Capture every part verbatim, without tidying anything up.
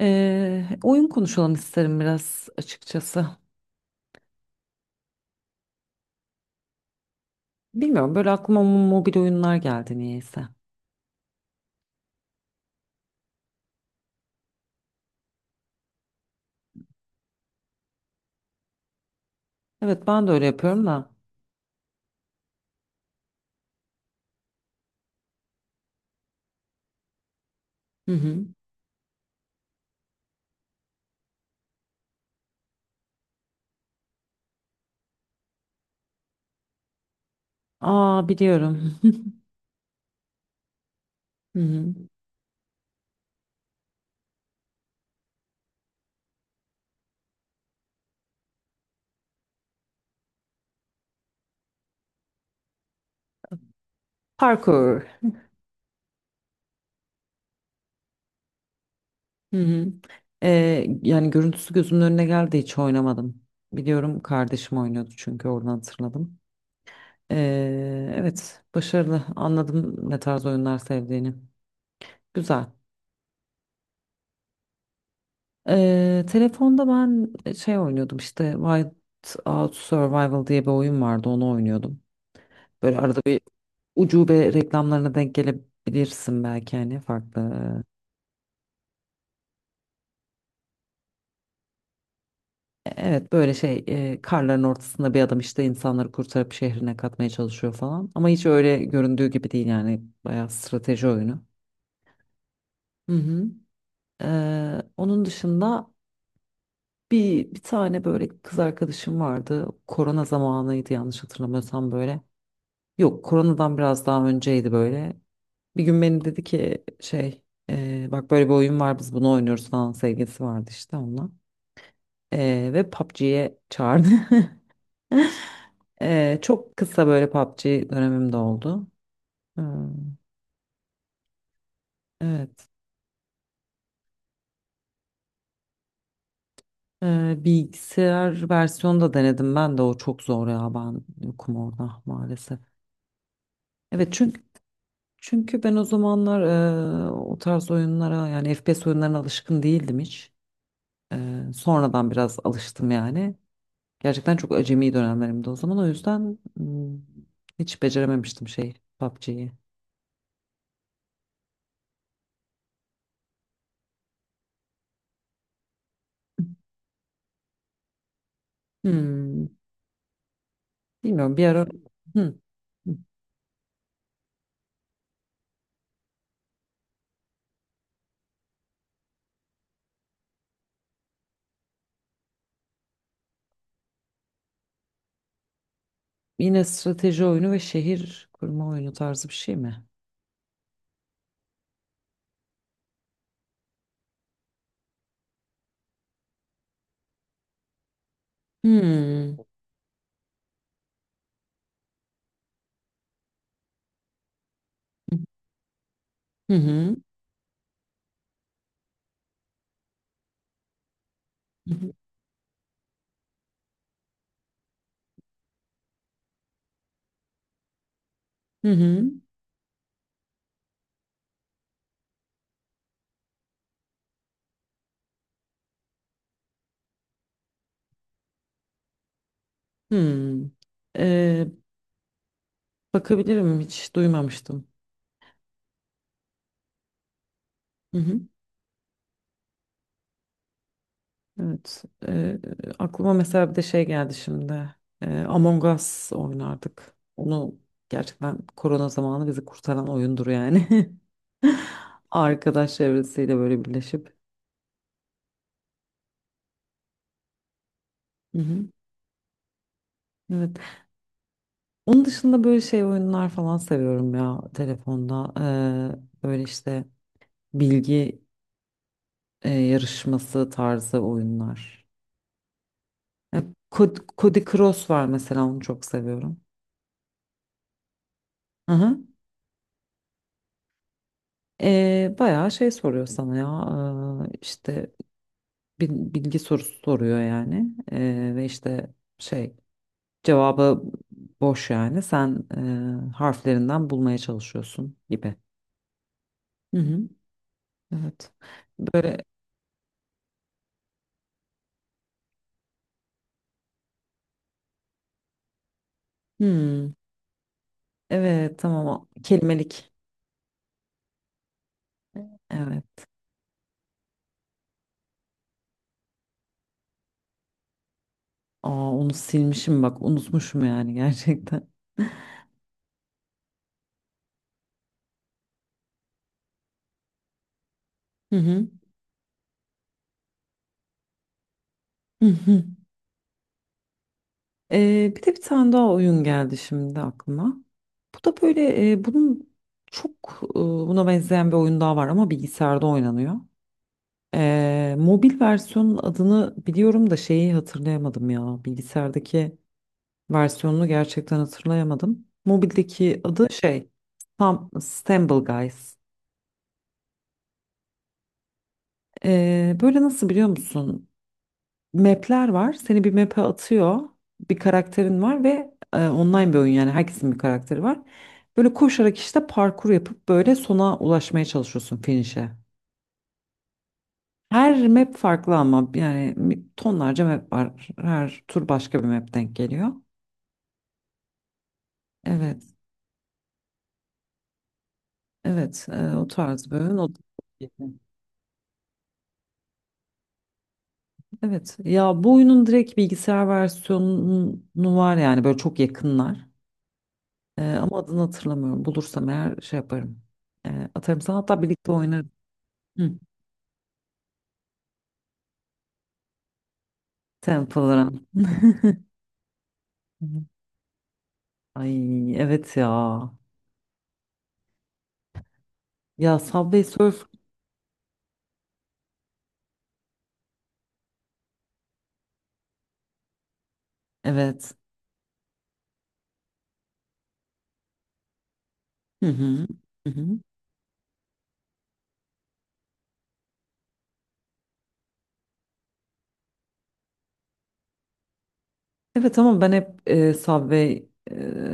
Ee, oyun konuşalım isterim biraz açıkçası. Bilmiyorum böyle aklıma mo- mobil oyunlar geldi niyeyse. Evet ben de öyle yapıyorum da. Hı hı. Aa biliyorum. Hı hı. Parkour. Hı hı. Ee, yani görüntüsü gözümün önüne geldi hiç oynamadım. Biliyorum kardeşim oynuyordu çünkü oradan hatırladım. Ee, evet, başarılı, anladım ne tarz oyunlar sevdiğini. Güzel. Ee, telefonda ben e, şey oynuyordum işte White Out Survival diye bir oyun vardı, onu oynuyordum. Böyle arada bir ucube reklamlarına denk gelebilirsin belki hani farklı. E, Evet, böyle şey e, karların ortasında bir adam işte insanları kurtarıp şehrine katmaya çalışıyor falan. Ama hiç öyle göründüğü gibi değil yani bayağı strateji oyunu. Hı hı. Ee, onun dışında bir, bir tane böyle kız arkadaşım vardı. Korona zamanıydı yanlış hatırlamıyorsam böyle. Yok, koronadan biraz daha önceydi böyle. Bir gün beni dedi ki şey eee, bak böyle bir oyun var, biz bunu oynuyoruz falan, sevgilisi vardı işte onunla. Eee, ve P U B G'ye çağırdı. Eee, çok kısa böyle P U B G dönemim de oldu. Eee, evet. Eee, bilgisayar versiyonu da denedim ben de, o çok zor ya, ben yokum orada maalesef. Evet, çünkü çünkü ben o zamanlar eee, o tarz oyunlara yani F P S oyunlarına alışkın değildim hiç. Eee, sonradan biraz alıştım yani. Gerçekten çok acemi dönemlerimde o zaman. O yüzden hmm, hiç becerememiştim şey P U B G'yi. Hmm, Bilmiyorum, bir ara. Hmm, Yine strateji oyunu ve şehir kurma oyunu tarzı bir şey mi? Hmm. Hı hı. Hı hı. Hmm. Ee, Bakabilirim, hiç duymamıştım. Hı hı. Evet. Ee, aklıma mesela bir de şey geldi şimdi. Ee, Among Us oynardık. Onu gerçekten korona zamanı bizi kurtaran oyundur yani. Arkadaş çevresiyle böyle birleşip. Hı hı. Evet. Onun dışında böyle şey oyunlar falan seviyorum ya telefonda. Ee, böyle işte bilgi e, yarışması tarzı oyunlar. Ya, Cod- Cody Cross var mesela, onu çok seviyorum. Hı hı. Ee, bayağı şey soruyor sana ya, ee, işte bil- bilgi sorusu soruyor yani. Ee, ve işte şey, cevabı boş, yani sen e, harflerinden bulmaya çalışıyorsun gibi. Hı hı. Evet. Böyle, hmm, evet, tamam, kelimelik. Evet. Aa, onu silmişim bak, unutmuşum yani gerçekten. Hı hı. Hı hı. Ee, bir de bir tane daha oyun geldi şimdi aklıma. Bu da böyle e, bunun çok, e, buna benzeyen bir oyun daha var ama bilgisayarda oynanıyor. Ee, mobil versiyonun adını biliyorum da şeyi hatırlayamadım ya. Bilgisayardaki versiyonunu gerçekten hatırlayamadım. Mobildeki adı şey, Stam- Stumble Guys. Ee, böyle nasıl, biliyor musun? Map'ler var. Seni bir map'e atıyor. Bir karakterin var ve e, online bir oyun yani, herkesin bir karakteri var. Böyle koşarak işte parkur yapıp böyle sona ulaşmaya çalışıyorsun, finish'e. Her map farklı ama yani mi- tonlarca map var. Her tur başka bir map denk geliyor. Evet. Evet, e, o tarz bir oyun. O... Evet. Ya, bu oyunun direkt bilgisayar versiyonu var yani, böyle çok yakınlar. Ee, ama adını hatırlamıyorum. Bulursam eğer şey yaparım. Ee, atarım sana. Hatta birlikte oynarız. Hı. Temple Run. Hı. Ay, evet ya. Ya, Subway Surf. Evet. Hı hı. Hı hı. Evet ama ben hep e, Subway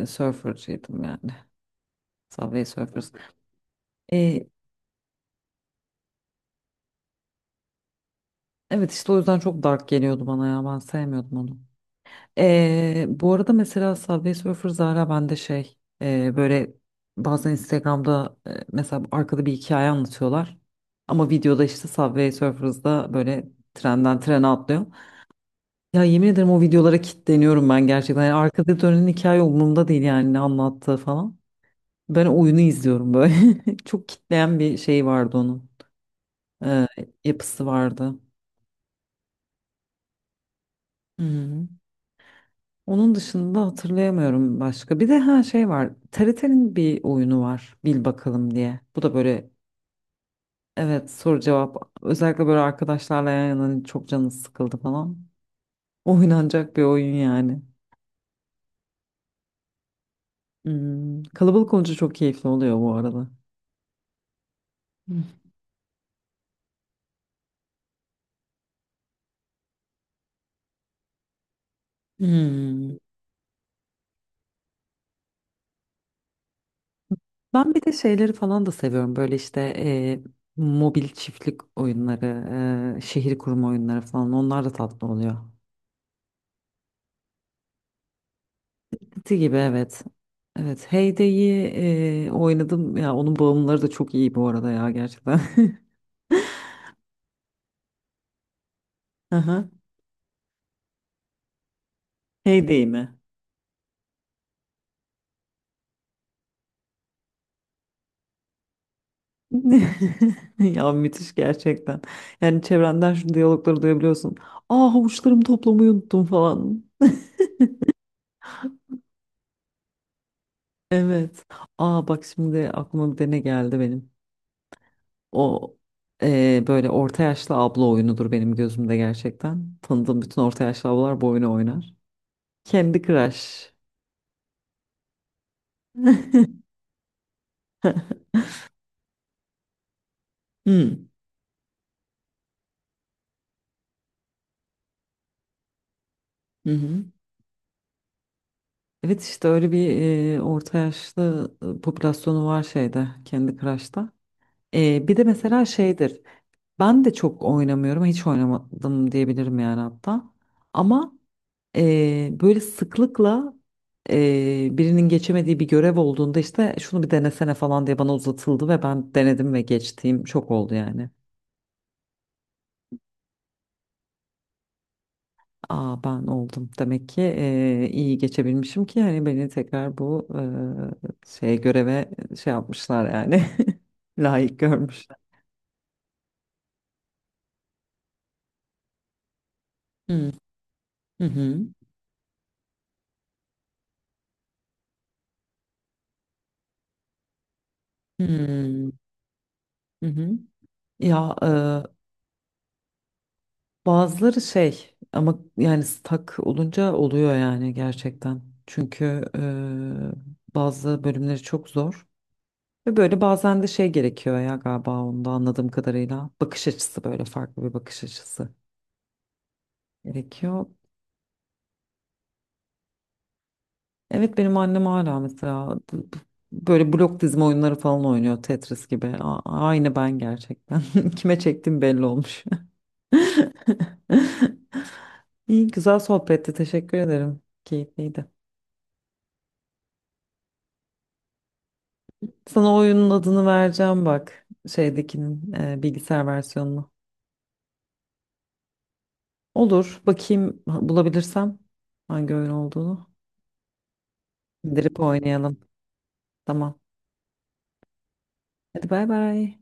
e, Surfer'cıydım yani. Subway Surfers. E, evet, işte o yüzden çok dark geliyordu bana ya. Ben sevmiyordum onu. Ee, bu arada mesela Subway Surfer Zara bende şey e, böyle bazen Instagram'da, e, mesela arkada bir hikaye anlatıyorlar. Ama videoda işte Subway Surfers'da böyle trenden trene atlıyor. Ya yemin ederim o videolara kilitleniyorum ben gerçekten. Yani arkada dönen hikaye umurumda değil yani, ne anlattığı falan. Ben oyunu izliyorum böyle. Çok kitleyen bir şey vardı onun. Ee, Yapısı vardı. Hı hı. Onun dışında hatırlayamıyorum başka. Bir de her şey var. T R T'nin bir oyunu var, bil bakalım diye. Bu da böyle, evet, soru cevap. Özellikle böyle arkadaşlarla yan yana, hani çok canınız sıkıldı falan. Oynanacak bir oyun yani. Hmm. Kalabalık olunca çok keyifli oluyor bu arada. Hmm. Hmm. Ben bir de şeyleri falan da seviyorum. Böyle işte e, mobil çiftlik oyunları, e, şehir kurma oyunları falan. Onlar da tatlı oluyor. Ti gibi, evet. Evet, Heyde'yi e, oynadım. Ya onun bağımlıları da çok iyi bu arada ya, gerçekten. Aha. Heyday mi? Ya müthiş gerçekten. Yani çevrenden şu diyalogları duyabiliyorsun. Aa, havuçlarımı toplamayı unuttum falan. Evet. Aa bak, şimdi aklıma bir de ne geldi benim. O, e, böyle orta yaşlı abla oyunudur benim gözümde gerçekten. Tanıdığım bütün orta yaşlı ablalar bu oyunu oynar. Candy Crush. Hmm. Hı hı. Evet, işte öyle bir e, orta yaşlı e, popülasyonu var şeyde, Kendi Crush'ta. E, bir de mesela şeydir. Ben de çok oynamıyorum. Hiç oynamadım diyebilirim yani hatta. Ama e, böyle sıklıkla e, birinin geçemediği bir görev olduğunda işte şunu bir denesene falan diye bana uzatıldı ve ben denedim ve geçtiğim çok oldu yani. Aa, ben oldum. Demek ki eee, iyi geçebilmişim ki hani beni tekrar bu eee, şey göreve şey yapmışlar yani. Layık görmüşler. Hmm. Hı hı. Hmm. Hı hı. Ya, eee, bazıları şey ama yani, stak olunca oluyor yani gerçekten. Çünkü eee, bazı bölümleri çok zor. Ve böyle bazen de şey gerekiyor ya galiba, onda anladığım kadarıyla. Bakış açısı, böyle farklı bir bakış açısı gerekiyor. Evet, benim annem hala mesela b- b- böyle blok dizme oyunları falan oynuyor, Tetris gibi. A- aynı ben gerçekten. Kime çektim belli olmuş. İyi, güzel sohbetti. Teşekkür ederim. Keyifliydi. Sana oyunun adını vereceğim bak. Şeydekinin e, bilgisayar versiyonunu. Olur. Bakayım bulabilirsem hangi oyun olduğunu. İndirip oynayalım. Tamam. Hadi bay bay.